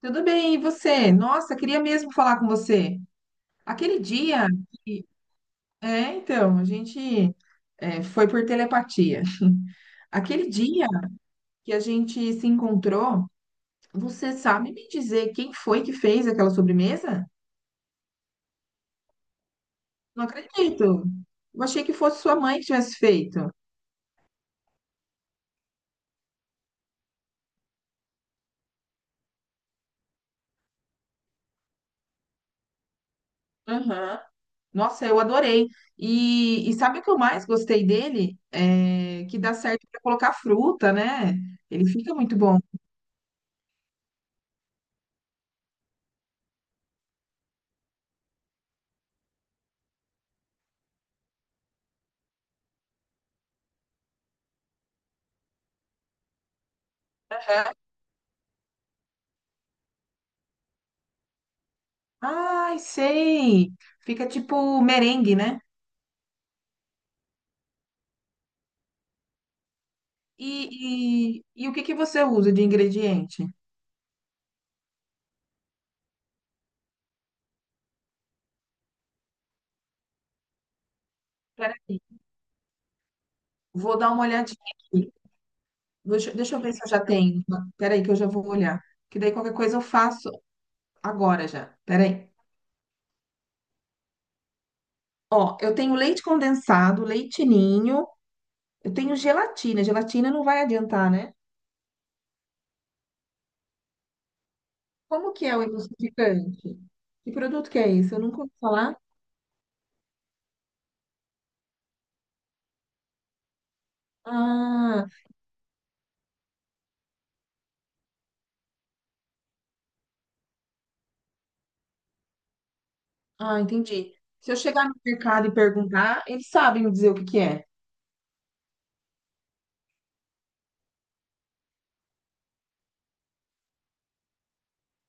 Tudo bem, e você? Nossa, queria mesmo falar com você. Aquele dia que... É, então, a gente foi por telepatia. Aquele dia que a gente se encontrou, você sabe me dizer quem foi que fez aquela sobremesa? Não acredito. Eu achei que fosse sua mãe que tivesse feito. Aham. Nossa, eu adorei. E sabe o que eu mais gostei dele? É que dá certo para colocar fruta, né? Ele fica muito bom. Ai, sei. Fica tipo merengue, né? E o que que você usa de ingrediente? Peraí, vou dar uma olhadinha aqui. Deixa eu ver se eu já tenho. Peraí, que eu já vou olhar. Que daí qualquer coisa eu faço agora já. Peraí. Ó, eu tenho leite condensado, leite ninho, eu tenho gelatina. Gelatina não vai adiantar, né? Como que é o emulsificante? Que produto que é esse? Eu nunca ouvi falar. Ah, ah, entendi. Se eu chegar no mercado e perguntar, eles sabem me dizer o que que é.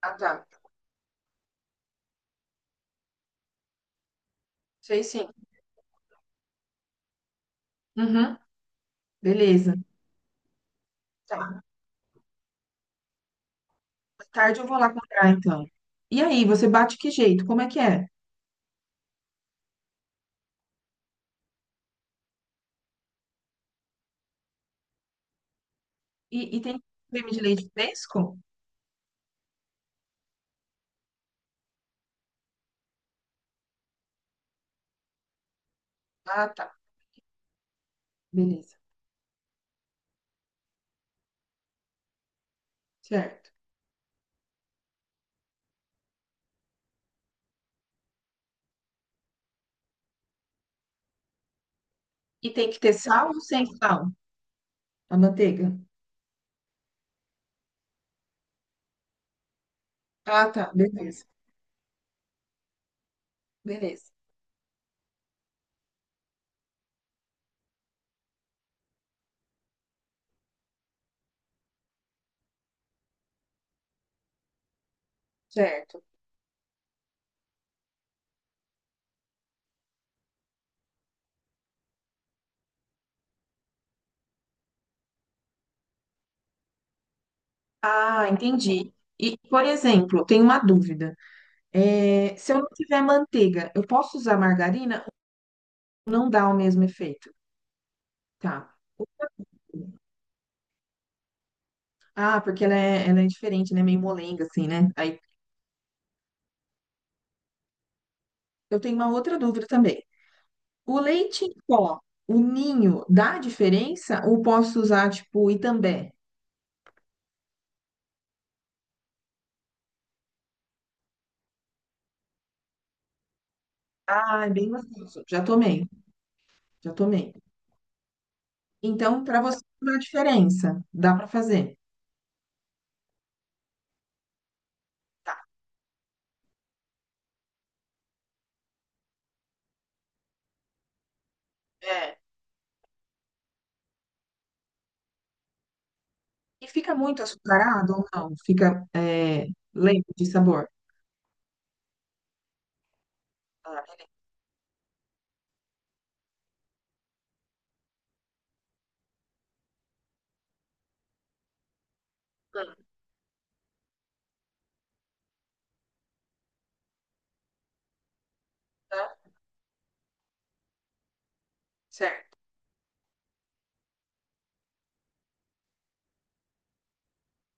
Ah, tá. Sei sim. Uhum. Beleza. Tá. Mais tarde eu vou lá comprar, então. E aí, você bate que jeito? Como é que é? E tem creme de leite fresco? Ah, tá. Beleza. Certo. E tem que ter sal ou sem sal? A manteiga? Ah, tá. Beleza. Beleza. Certo. Ah, entendi. E, por exemplo, tenho uma dúvida. É, se eu não tiver manteiga, eu posso usar margarina? Não dá o mesmo efeito. Tá. Ah, porque ela é diferente, né? Meio molenga, assim, né? Aí eu tenho uma outra dúvida também. O leite em pó, o ninho, dá diferença? Ou posso usar, tipo, Itambé? Ah, é bem gostoso. Já tomei, já tomei. Então, para você, não dá diferença. Dá para fazer. Tá. É. E fica muito açucarado ou não? Fica é, lento de sabor? Ah, beleza. Hum, tá. Certo.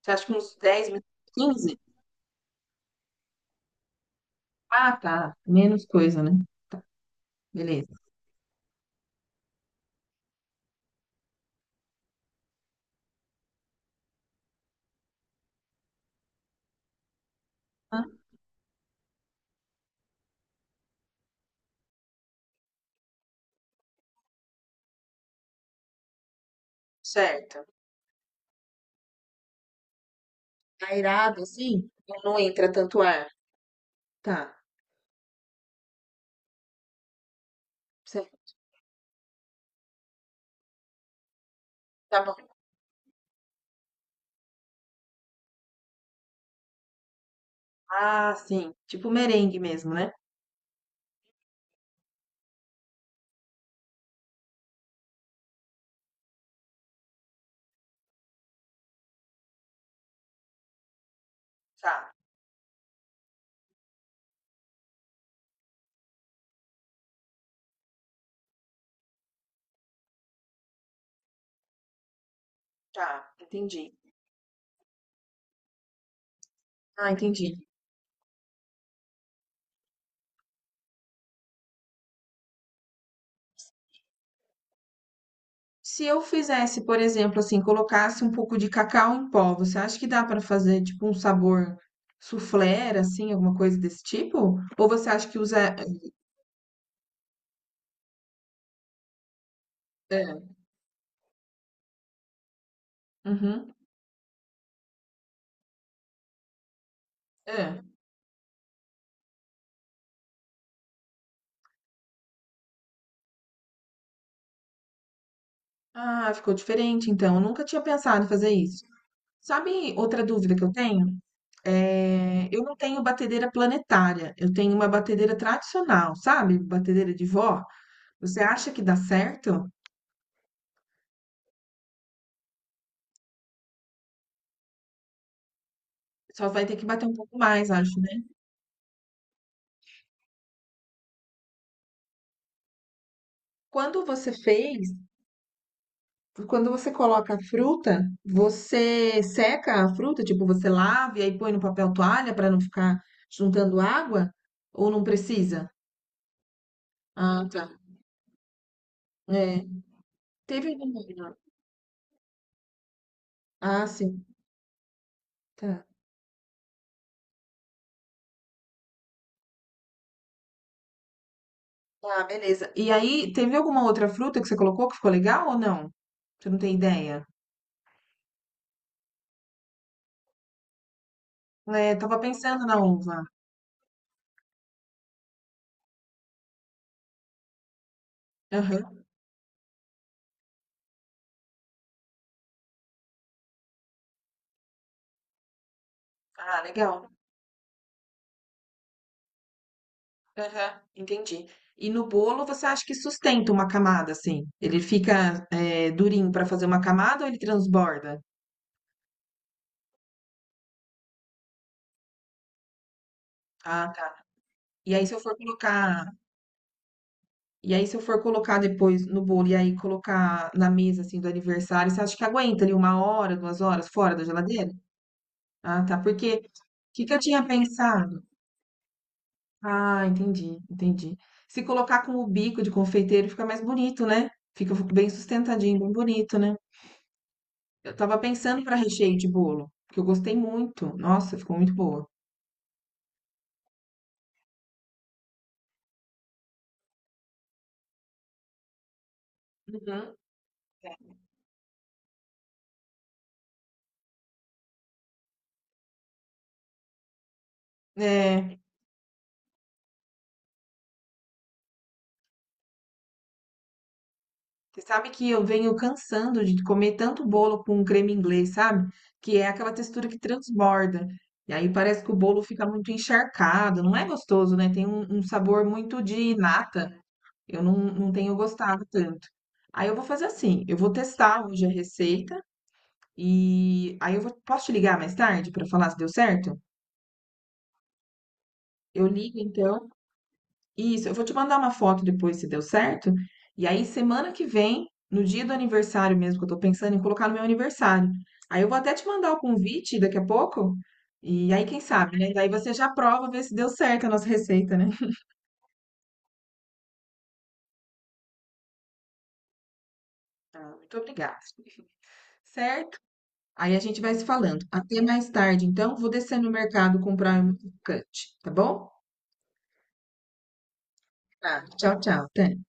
Você acha que uns 10 minutos, 15. Ah, tá. Menos coisa, né? Tá, beleza. Ah, certo. Aerado, assim, não entra tanto ar. Tá, certo. Tá bom. Ah, sim. Tipo merengue mesmo, né? Tá, tá. Entendi. Ah, entendi. Se eu fizesse, por exemplo, assim, colocasse um pouco de cacau em pó, você acha que dá pra fazer, tipo, um sabor soufflé, assim, alguma coisa desse tipo? Ou você acha que usa... É, uhum, é. Ah, ficou diferente, então. Eu nunca tinha pensado em fazer isso. Sabe outra dúvida que eu tenho? É, eu não tenho batedeira planetária, eu tenho uma batedeira tradicional, sabe? Batedeira de vó. Você acha que dá certo? Só vai ter que bater um pouco mais, acho, né? Quando você fez, quando você coloca a fruta, você seca a fruta, tipo, você lava e aí põe no papel toalha para não ficar juntando água? Ou não precisa? Ah, tá. É. Teve alguma. Ah, sim. Tá. Ah, beleza. E aí, teve alguma outra fruta que você colocou que ficou legal ou não? Você não tem ideia? É, tava pensando na uva. Aham. Ah, legal. Aham, entendi. E no bolo, você acha que sustenta uma camada, assim? Ele fica, é, durinho pra fazer uma camada ou ele transborda? Ah, tá. E aí, se eu for colocar, e aí, se eu for colocar depois no bolo e aí colocar na mesa, assim, do aniversário, você acha que aguenta ali uma hora, 2 horas fora da geladeira? Ah, tá. Porque o que que eu tinha pensado? Ah, entendi, entendi. Se colocar com o bico de confeiteiro fica mais bonito, né? Fica bem sustentadinho, bem bonito, né? Eu tava pensando para recheio de bolo, que eu gostei muito. Nossa, ficou muito boa. Uhum. É, você sabe que eu venho cansando de comer tanto bolo com creme inglês, sabe? Que é aquela textura que transborda. E aí parece que o bolo fica muito encharcado, não é gostoso, né? Tem um sabor muito de nata. Eu não, não tenho gostado tanto. Aí eu vou fazer assim, eu vou testar hoje a receita e aí eu vou, posso te ligar mais tarde para falar se deu certo? Eu ligo então. Isso, eu vou te mandar uma foto depois se deu certo. E aí semana que vem, no dia do aniversário mesmo, que eu tô pensando em colocar no meu aniversário. Aí eu vou até te mandar o convite daqui a pouco. E aí quem sabe, né? Daí você já prova ver se deu certo a nossa receita, né? Ah, muito obrigada. Certo? Aí a gente vai se falando. Até mais tarde, então. Vou descer no mercado comprar um modificante, tá bom? Tá. Tchau, tchau, Tânia.